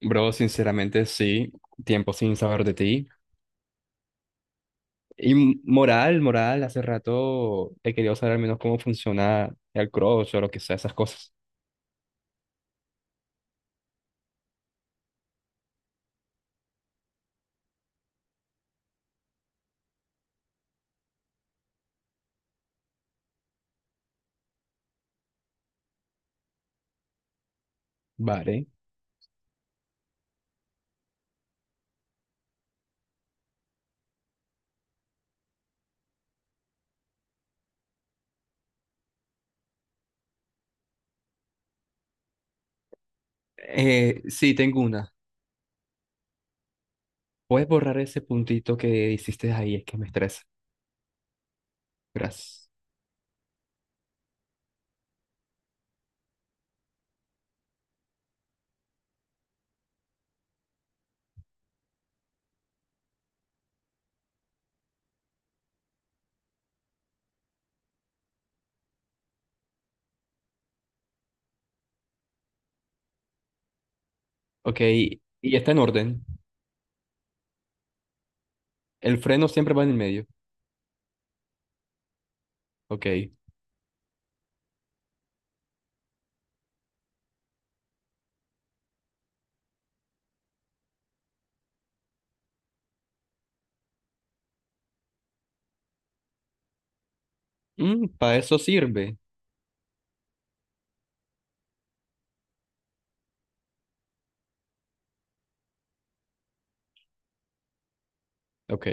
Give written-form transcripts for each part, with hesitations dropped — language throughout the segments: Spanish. Bro, sinceramente sí, tiempo sin saber de ti. Y hace rato he querido saber al menos cómo funciona el crush o lo que sea, esas cosas. Vale. Sí, tengo una. ¿Puedes borrar ese puntito que hiciste ahí? Es que me estresa. Gracias. Ok, y está en orden. El freno siempre va en el medio. Ok. Para eso sirve. Ok.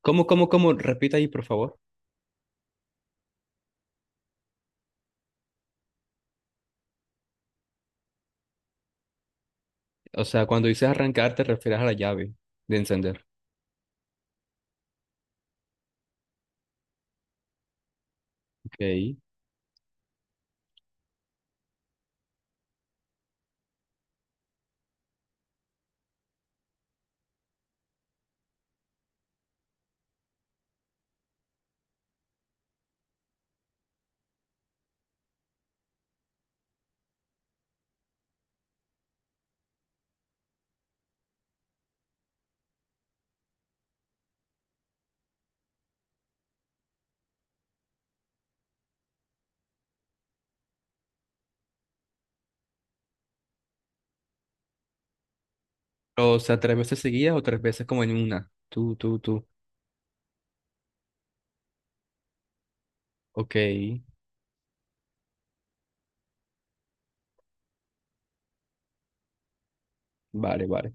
¿Cómo? Repita ahí, por favor. O sea, cuando dices arrancar, te refieres a la llave de encender. Ok. O sea, ¿tres veces seguidas o tres veces como en una? Tú, tú, tú. Ok, vale, vale.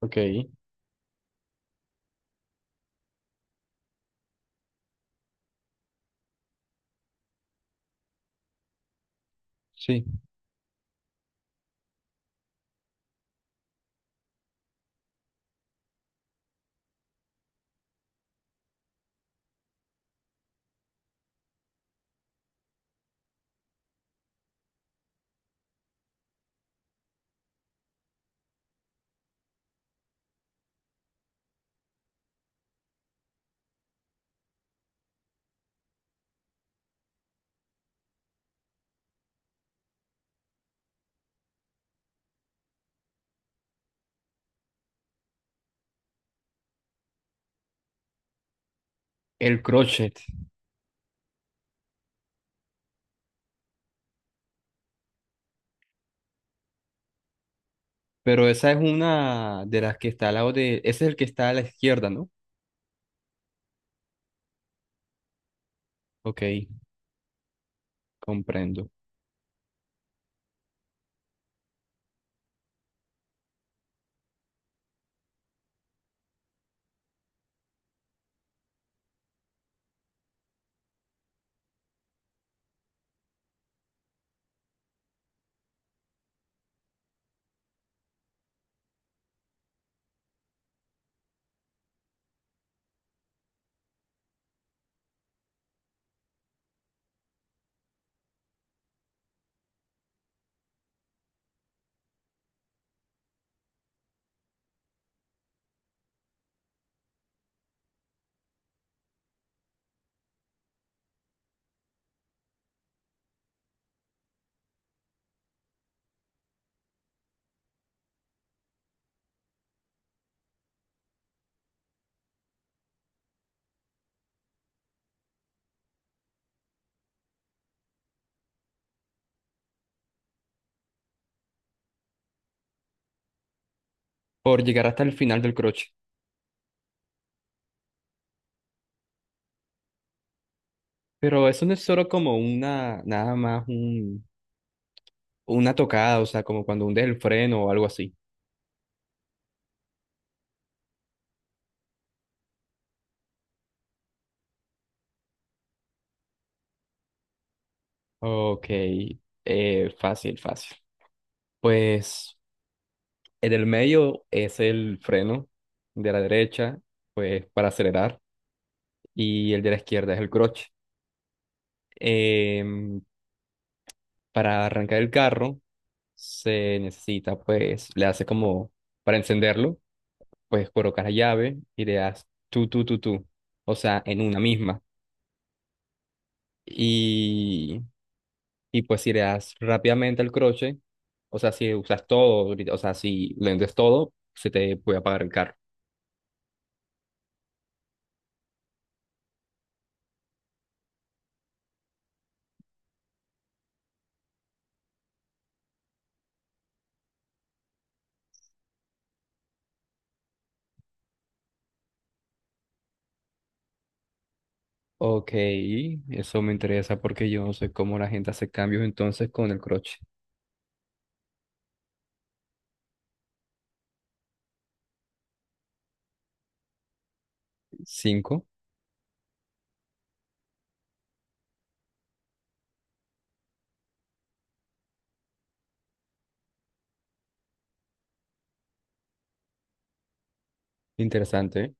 Ok, sí. El crochet. Pero esa es una de las que está al lado de... Ese es el que está a la izquierda, ¿no? Ok, comprendo. Por llegar hasta el final del crochet. Pero eso no es solo como una, nada más un, una tocada, o sea, como cuando hundes el freno o algo así. Ok, fácil, fácil. Pues... En el medio es el freno, de la derecha, pues para acelerar, y el de la izquierda es el clutch. Em, para arrancar el carro se necesita, pues, le hace como, para encenderlo, pues colocas la llave y le das tú, tú, tú, tú, o sea, en una misma. Y, y pues si le das rápidamente al croche, o sea, si usas todo, o sea, si le vendes todo, se te puede apagar el carro. Ok, eso me interesa porque yo no sé cómo la gente hace cambios entonces con el crochet. Cinco, interesante.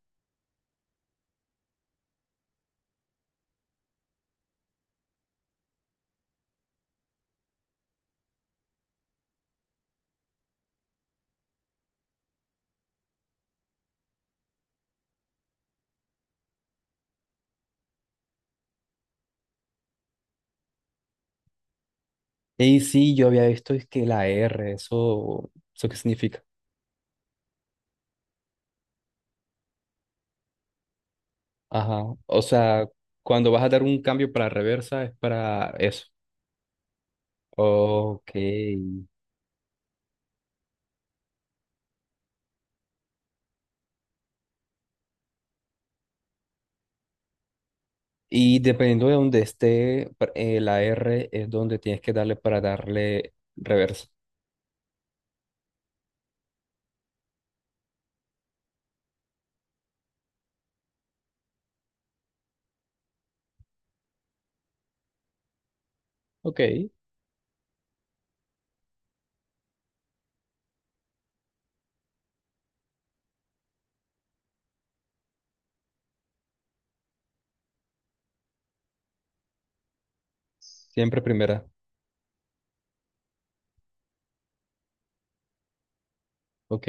Y sí, yo había visto es que la R, eso, ¿eso qué significa? Ajá, o sea, cuando vas a dar un cambio para reversa es para eso. Ok, y dependiendo de donde esté la R es donde tienes que darle para darle reversa. Ok, siempre primera. Ok,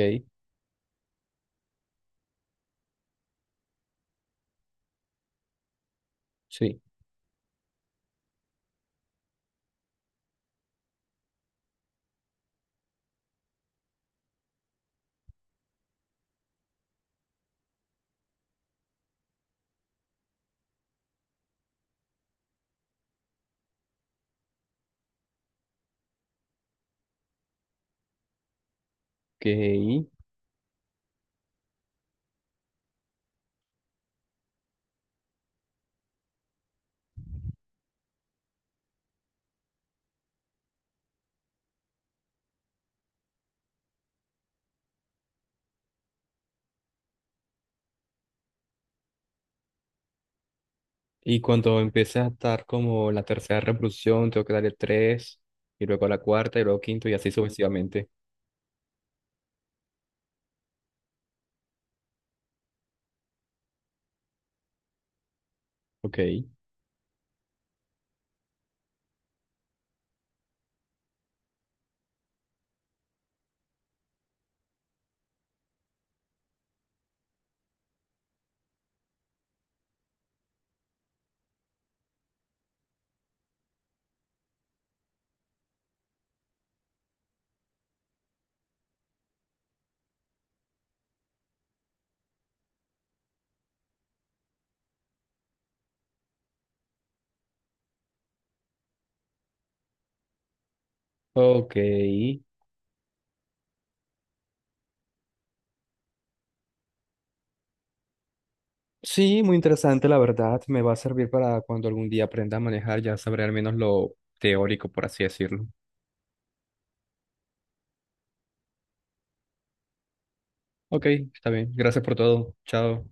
sí, ok. Y cuando empieces a estar como en la tercera reproducción, tengo que darle tres, y luego la cuarta, y luego quinto, y así sucesivamente. Ok. Ok. Sí, muy interesante, la verdad. Me va a servir para cuando algún día aprenda a manejar, ya sabré al menos lo teórico, por así decirlo. Ok, está bien. Gracias por todo. Chao.